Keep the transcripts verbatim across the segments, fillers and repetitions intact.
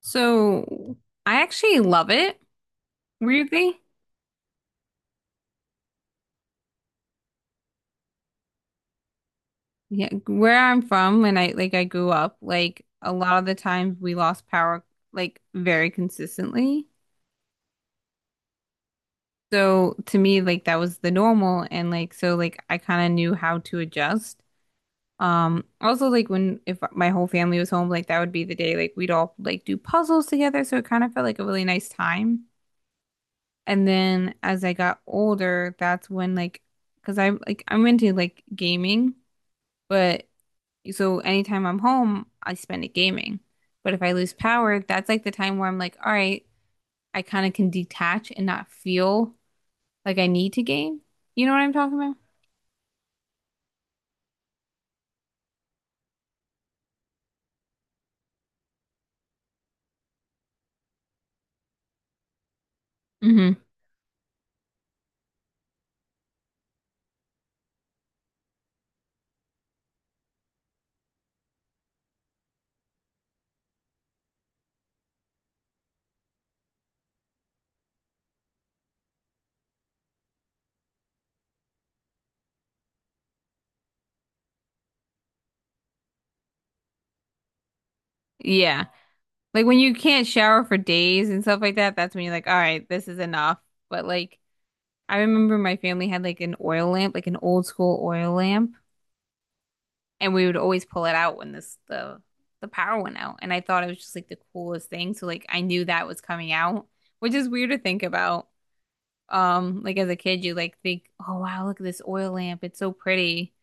So I actually love it, weirdly. Yeah, where I'm from when I like I grew up, like a lot of the times we lost power like very consistently. So to me, like that was the normal and like so like I kind of knew how to adjust. Um also, like when if my whole family was home, like that would be the day like we'd all like do puzzles together, so it kind of felt like a really nice time. And then as I got older, that's when like because I like I'm into like gaming, but so anytime I'm home, I spend it gaming. But if I lose power, that's like the time where I'm like, all right, I kind of can detach and not feel like I need to game. You know what I'm talking about? Hmm. Yeah. Like when you can't shower for days and stuff like that, that's when you're like, all right, this is enough. But like, I remember my family had like an oil lamp, like an old school oil lamp, and we would always pull it out when this the the power went out. And I thought it was just like the coolest thing. So like I knew that was coming out, which is weird to think about. Um, like as a kid, you like think, oh wow, look at this oil lamp. It's so pretty.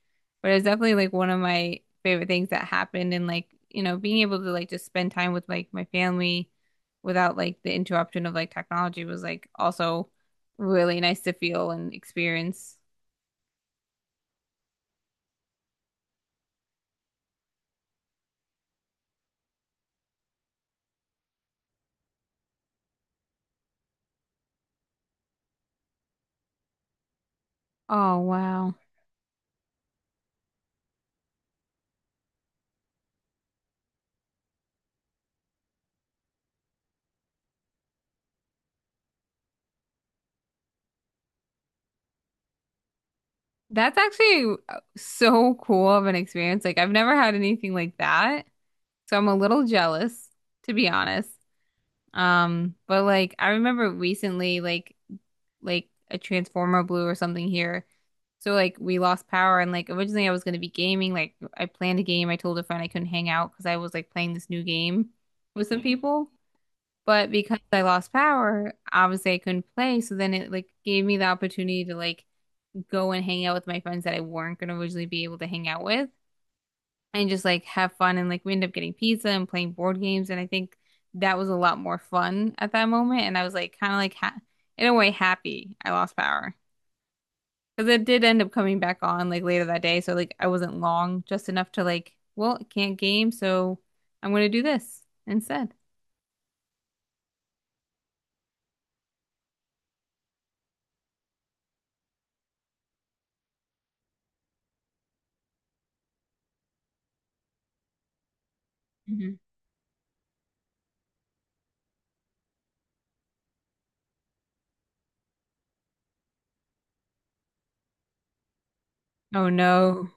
But it was definitely like one of my favorite things that happened and like, you know, being able to like just spend time with like my family without like the interruption of like technology was like also really nice to feel and experience. Oh wow. That's actually uh, so cool of an experience. Like I've never had anything like that. So I'm a little jealous, to be honest. Um, but like I remember recently, like like a transformer blue or something here. So like we lost power and like originally I was going to be gaming. Like I planned a game. I told a friend I couldn't hang out because I was like playing this new game with some people. But because I lost power, obviously I couldn't play. So then it like gave me the opportunity to like go and hang out with my friends that I weren't going to originally be able to hang out with and just like have fun. And like we ended up getting pizza and playing board games. And I think that was a lot more fun at that moment. And I was like kind of like ha in a way happy I lost power. Because it did end up coming back on like later that day. So like I wasn't long, just enough to like, well, I can't game, so I'm gonna do this instead. Hmm. Oh no.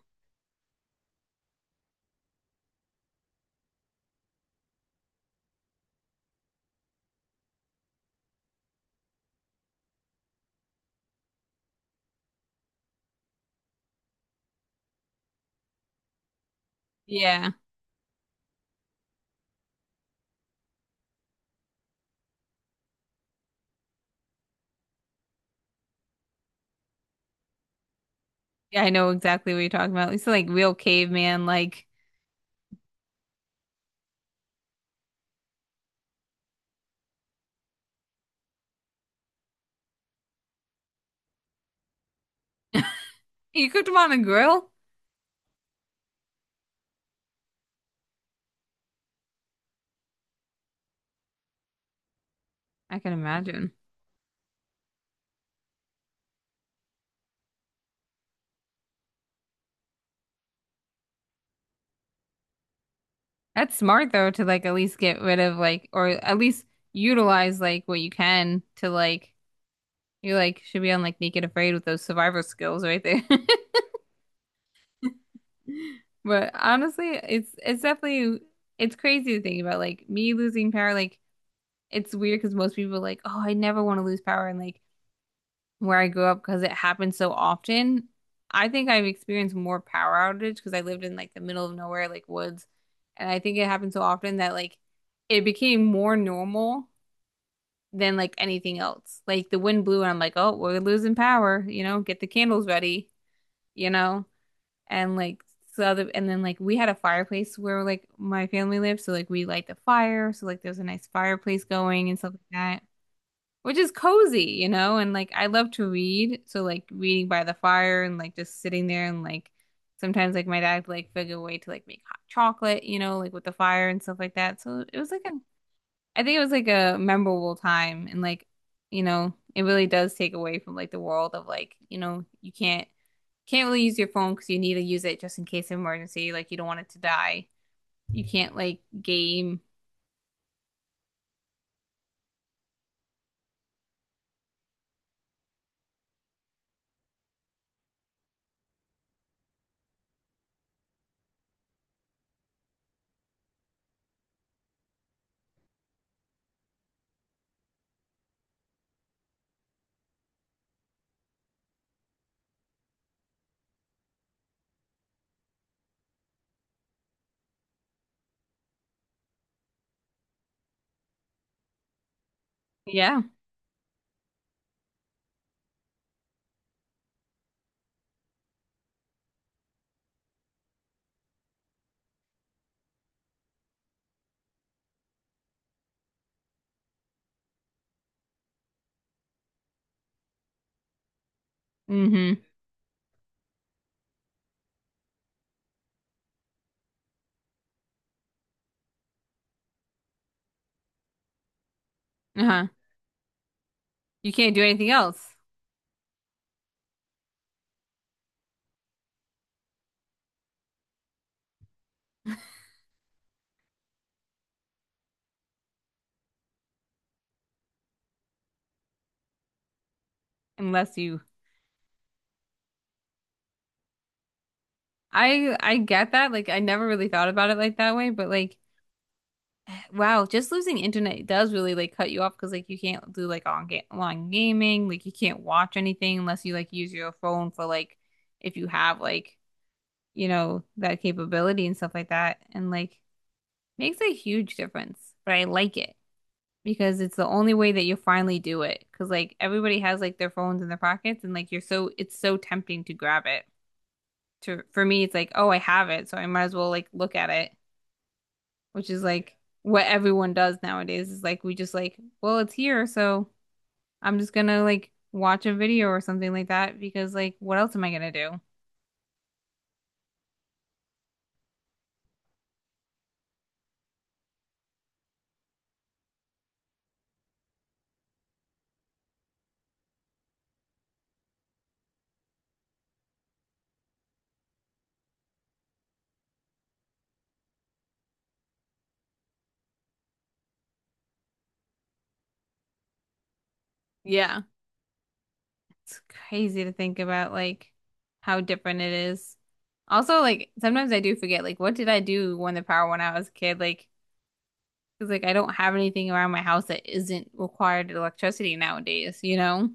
Yeah. Yeah, I know exactly what you're talking about. It's like real caveman, like, you cooked them on the grill? I can imagine. That's smart though to like at least get rid of like or at least utilize like what you can to like, you like should be on like Naked Afraid with those survivor skills right there. But honestly, it's it's definitely it's crazy to think about like me losing power. Like it's weird because most people are like, oh, I never want to lose power, and like where I grew up because it happens so often. I think I've experienced more power outage because I lived in like the middle of nowhere, like woods, and I think it happened so often that like it became more normal than like anything else. Like the wind blew, and I'm like, oh, we're losing power. You know, get the candles ready. You know, and like so other and then like we had a fireplace where like my family lived, so like we light the fire, so like there's a nice fireplace going and stuff like that, which is cozy, you know. And like I love to read, so like reading by the fire and like just sitting there and like sometimes like my dad like figure a way to like make hot chocolate, you know, like with the fire and stuff like that. So it was like a, I think it was like a memorable time and like you know it really does take away from like the world of like you know you can't can't really use your phone because you need to use it just in case of emergency. Like you don't want it to die. You can't like game. Yeah. Mm-hmm. Uh-huh. You can't do anything else unless you. I I get that. Like I never really thought about it like that way, but like wow, just losing internet does really like cut you off because like you can't do like on ga online gaming. Like you can't watch anything unless you like use your phone for like if you have like you know that capability and stuff like that. And like makes a huge difference. But I like it, because it's the only way that you'll finally do it. Because like everybody has like their phones in their pockets, and like you're so it's so tempting to grab it. To for me, it's like oh I have it, so I might as well like look at it, which is like what everyone does nowadays. Is like we just like well it's here, so I'm just gonna like watch a video or something like that because like what else am I gonna do? Yeah, it's crazy to think about like how different it is. Also, like sometimes I do forget like what did I do when the power went out as a kid? Like because like I don't have anything around my house that isn't required electricity nowadays, you know?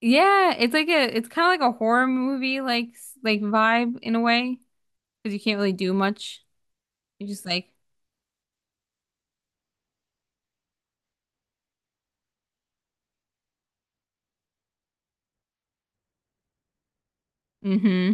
Yeah, it's like a it's kind of like a horror movie like s- like vibe in a way because you can't really do much. You're just like, mm-hmm,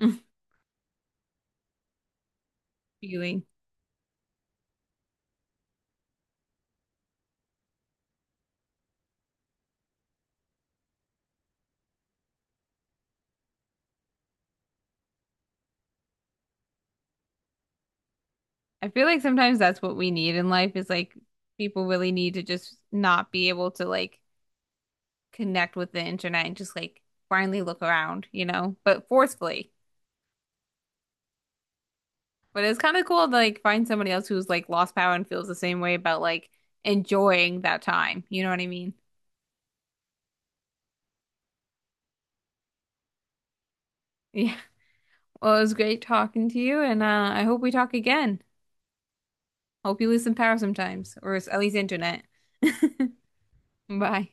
feeling. I feel like sometimes that's what we need in life is like people really need to just not be able to like connect with the internet and just like blindly look around, you know, but forcefully. But it's kind of cool to like find somebody else who's like lost power and feels the same way about like enjoying that time. You know what I mean? Yeah. Well, it was great talking to you, and uh, I hope we talk again. Hope you lose some power sometimes, or at least internet. Bye.